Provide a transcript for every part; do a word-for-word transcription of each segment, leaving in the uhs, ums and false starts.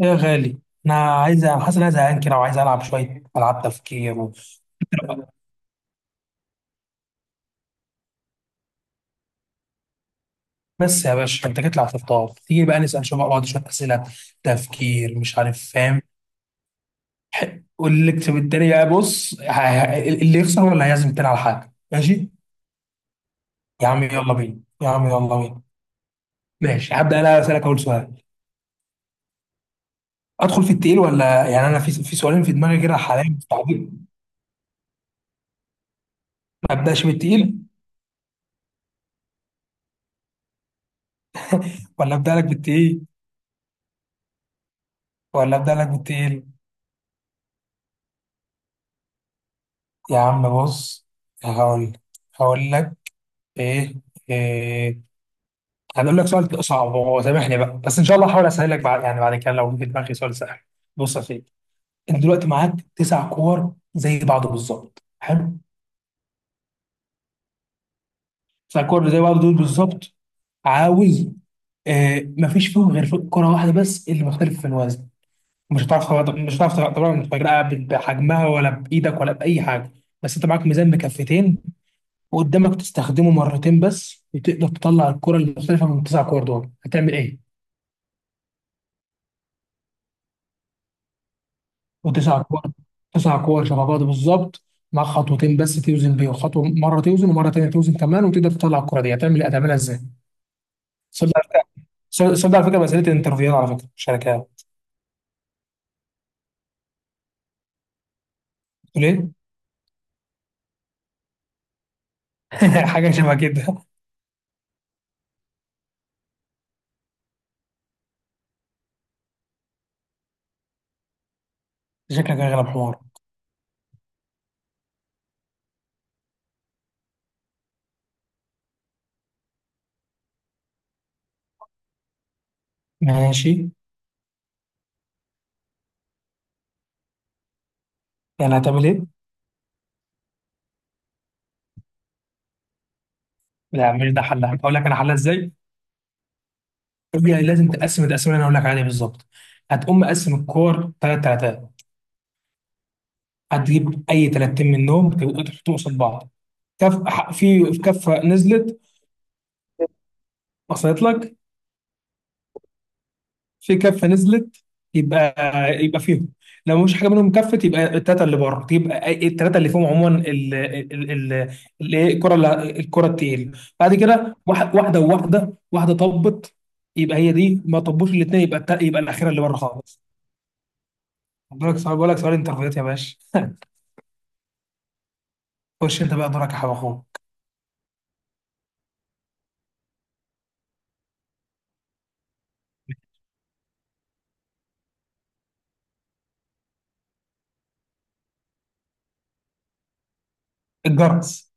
يا غالي. انا عايز حاسس ان انا زهقان كده وعايز العب شويه العاب تفكير و... بس يا باشا انت جيت لي على الخطاب تيجي بقى نسال شويه بعض شويه اسئله تفكير مش عارف فاهم. واللي يكتب الدنيا بقى بص، ه- ه- اللي يخسر هو اللي هيعزم التاني على حاجه. ماشي يا عم يلا بينا، يا عم يلا بينا. ماشي، هبدا انا اسالك اول سؤال. ادخل في التقيل ولا يعني انا في في سؤالين في دماغي كده حاليا مستعجلين. ما ابداش بالتقيل. ولا ابدا لك بالتقيل؟ ولا ابدا لك بالتقيل؟ يا عم بص. هقول هقول لك. ايه؟ ايه؟ هنقول لك سؤال صعب هو، سامحني بقى، بس ان شاء الله هحاول اسهل لك بعد، يعني بعد كده، لو في دماغي سؤال سهل. بص يا سيدي، انت دلوقتي معاك تسع كور زي بعض بالظبط. حلو. تسع كور زي بعض دول بالظبط. عاوز... آه، مفيش فيهم غير في كرة واحدة بس اللي مختلف في الوزن. مش هتعرف تغ- مش هتعرف تغ- طبعا تفرقها ب- بحجمها ولا بإيدك ولا بأي حاجة. بس انت معاك ميزان بكفتين وقدامك تستخدمه مرتين بس، وتقدر تطلع الكرة المختلفة من التسع كور دول، هتعمل ايه؟ وتسع كور، تسع كور شبه بعض بالظبط، مع خطوتين بس توزن بيهم، خطوه مره توزن ومره تانيه توزن كمان، وتقدر تطلع الكره دي. هتعمل إيه؟ هتعملها ازاي؟ صدق على فكره، صدق على فكره، مساله الانترفيوهات على فكره شركات. تقول ايه؟ حاجه شبه كده. شكلك هيغلب حمار. ماشي. يعني هتعمل ايه؟ لا مش ده حلها. اقول لك انا حلها ازاي؟ تقول لي لازم تقسم التقسيمه اللي انا هقول لك عليها بالظبط. هتقوم مقسم الكور ثلاث ثلاثات، هتجيب اي ثلاثتين منهم تبقوا تحطهم قصاد بعض. كف ح- في في كفه نزلت. وصلت لك؟ في كفه نزلت، يبقى يبقى فيهم. لو مش حاجه منهم كفت، يبقى الثلاثه اللي بره. يبقى الثلاثه اللي فيهم عموما، ال- ال- ال- ال- إيه، الكره اللي- الكره التقيله. بعد كده واحد- واحده وواحده واحده طبت، يبقى هي دي. ما طبوش الاثنين يبقى الت- يبقى الاخيره اللي بره خالص. بقول لك سؤال، بقول لك سؤال انترفيوهات يا باشا. خش انت بقى دورك يا حبيب اخوك. الجرس.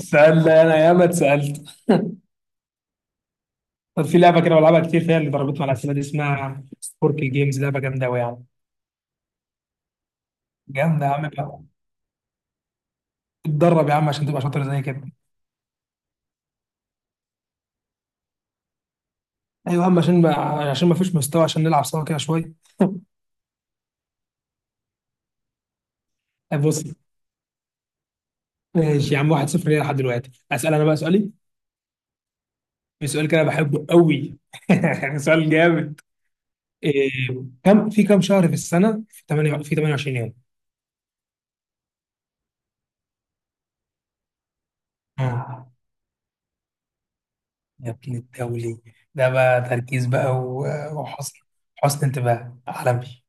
سألنا انا، ياما اتسالت. طب في لعبه كده بلعبها كتير فيها اللي ضربتني على الاسئله دي، اسمها سبورك الجيمز، لعبه جامده قوي يعني. جامده يا عم بقى. اتدرب يا عم عشان تبقى شاطر زي كده. ايوه يا عم، عشان ما عشان ما فيش مستوى عشان نلعب سوا كده شويه. بص. ماشي يا عم، واحد صفر ليه لحد دلوقتي. اسال انا بقى سؤالي. في سؤال كده بحبه قوي. سؤال جامد. إيه. كم في كم شهر في السنه في ثمانية في ثمانية وعشرين يوم؟ آه، يا ابن الدولي، ده بقى تركيز بقى، و- وحسن، حسن انتباه عالمي.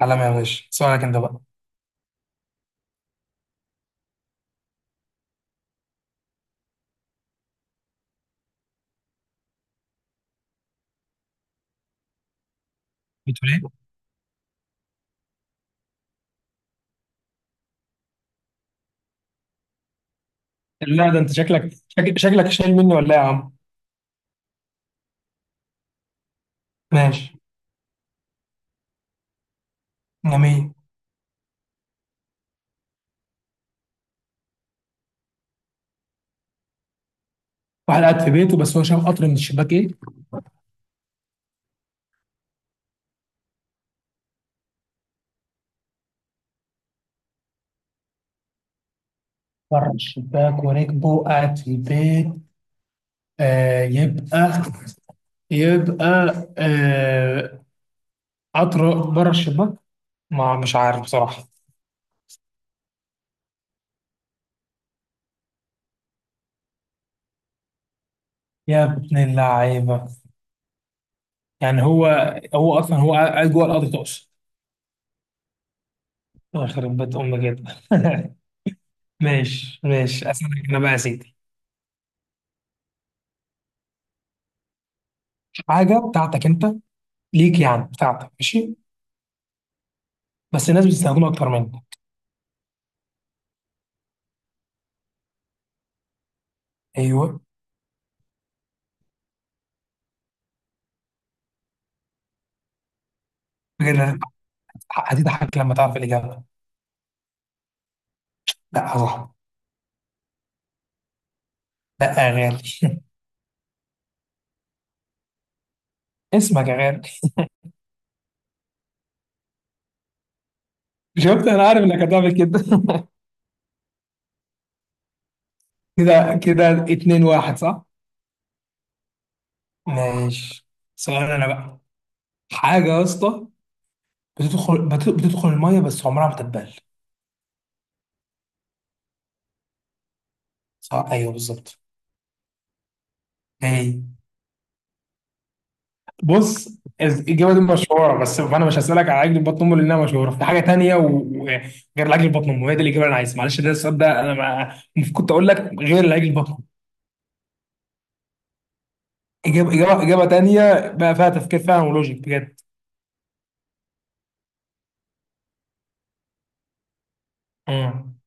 عالمي يا باشا. سؤالك انت بقى. بتقول ايه؟ لا ده انت شكلك، شك- شكلك شايل مني ولا إيه يا عم؟ ماشي. جميل. واحد قاعد في بيته بس هو شاف قطر من الشباك، ايه؟ بره الشباك، وركبه قاعد في البيت. آه يبقى، يبقى... آه، قطر بره الشباك. ما مش عارف بصراحة. يا ابن اللعيبة، يعني هو، هو اصلا هو قاعد جوه القطر تقصد؟ يخرب بيت امك كده. ماشي، ماشي، اسالك انا بقى يا سيدي. حاجة بتاعتك انت، ليك يعني، بتاعتك، ماشي، بس الناس بتستخدمها اكتر منك. ايوه. بجد هتضحك، هتضحك لما تعرف الاجابة. لا صح. لا يا غالي. اسمك يا غالي. شفت، انا عارف انك هتعمل كده. كده كده، اتنين واحد. صح؟ ماشي. سؤال انا بقى. حاجة يا اسطى، بتدخل بت- بتدخل المية بس عمرها ما تتبل. صح، ايوه بالظبط. ايه. بص، الإجابة دي مشهورة، بس فأنا مش هسألك على عجل بطن أمه لأنها مشهورة، في حاجة تانية، وغير العجل بطن أمه هي دي الإجابة اللي أنا عايزها. معلش، ده السؤال ده أنا ما المفروض كنت أقول لك غير العجل بطن أمه. إجابة إجابة إجابة تانية بقى فيها تفكير فعلا ولوجيك بجد. مم.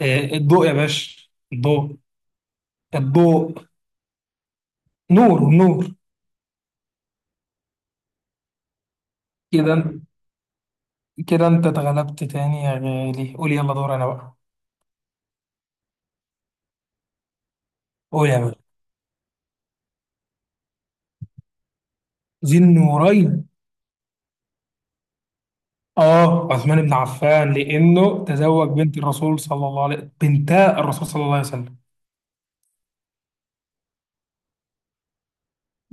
آه، الضوء يا باشا، الضوء. الضوء. نور، نور. كده أنت- كده انت اتغلبت تاني يا غالي. قول، يلا دور انا بقى. قول يا باشا. ذي النورين. اه، عثمان بن عفان، لانه تزوج بنت الرسول صلى الله عليه، بنتا الرسول صلى الله عليه وسلم.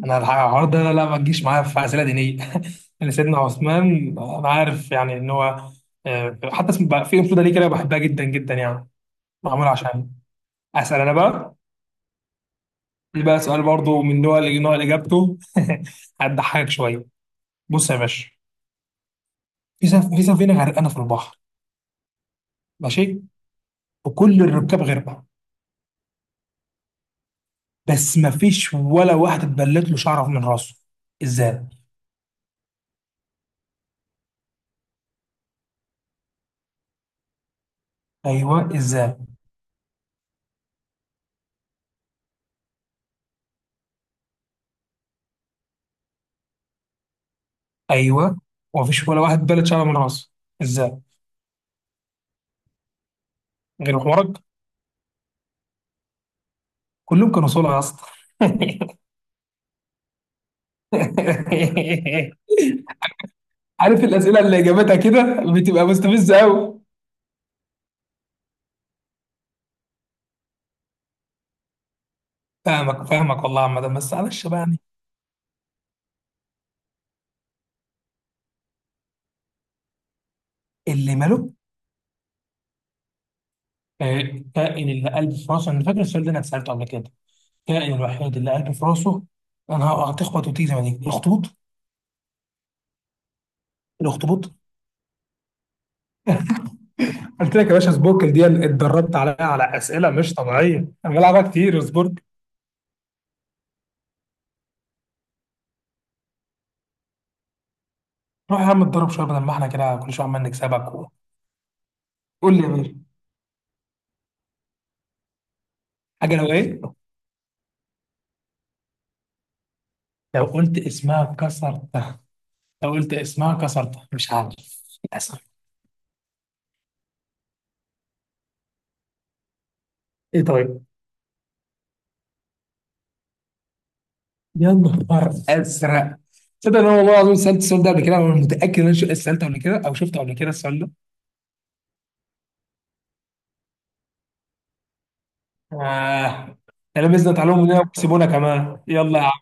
انا الحوار ده لا لا ما تجيش معايا في اسئله دينيه. لان سيدنا عثمان انا عارف يعني ان هو... آه، حتى اسم بقى في انفلونزا ليه كده، بحبها جدا جدا يعني، معمول عشان. اسال انا بقى. دي بقى سؤال برضه من نوع نوع اللي اجابته... هتضحكك شويه. بص يا باشا، في سف... في سفينه غرقانه في البحر. ماشي. وكل الركاب غرقوا. بس ما فيش ولا واحد اتبلت له شعره من راسه. ازاي؟ ايوه ازاي؟ ايوه، وما فيش ولا واحد اتبلت شعره من راسه. ازاي؟ غير حوارك. كلهم كانوا صلع يا اسطى. عارف الاسئله اللي اجابتها كده بتبقى مستفزه قوي. فاهمك، فاهمك والله يا عم، ده بس معلش بقى يعني. اللي ملوك. آه، الكائن اللي قلبه في راسه. انا فاكر السؤال ده، انا اتسالته قبل كده. الكائن الوحيد اللي قلبه في راسه. انا هتخبط وتيجي زي ما تيجي، الاخطبوط. الاخطبوط. قلت لك يا باشا سبوركل دي اتدربت عليها على اسئله مش طبيعيه. انا بلعبها كتير سبوركل. روح يا عم اتدرب شويه بدل ما احنا كده كل شويه عمال نكسبك و... قول لي يا باشا. حاجه لو ايه؟ لو قلت اسمها كسرتها. لو قلت اسمها كسرتها، مش عارف، للاسف. ايه طيب؟ يا نهار ازرق. تصدق ان انا والله العظيم سالت السؤال ده قبل كده، انا متاكد ان انا سالته قبل كده او شفته قبل كده السؤال ده. آه. ده لبسنا تعليم مننا وكسبونا كمان. يلا يا عم.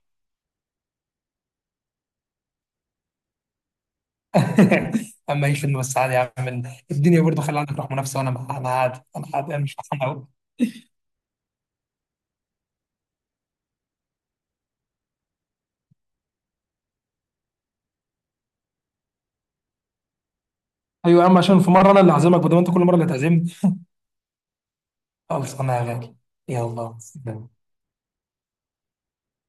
اما هيش فيلم، بس عادي يا عم. الدنيا برضه خلي عندك روح منافسه، وانا مع- انا عادي، انا عادي، انا مش فرحان قوي. ايوه يا عم، عشان في مره انا اللي هعزمك بدل ما انت كل مره اللي تعزمني. خلص انا يا غالي. يلا.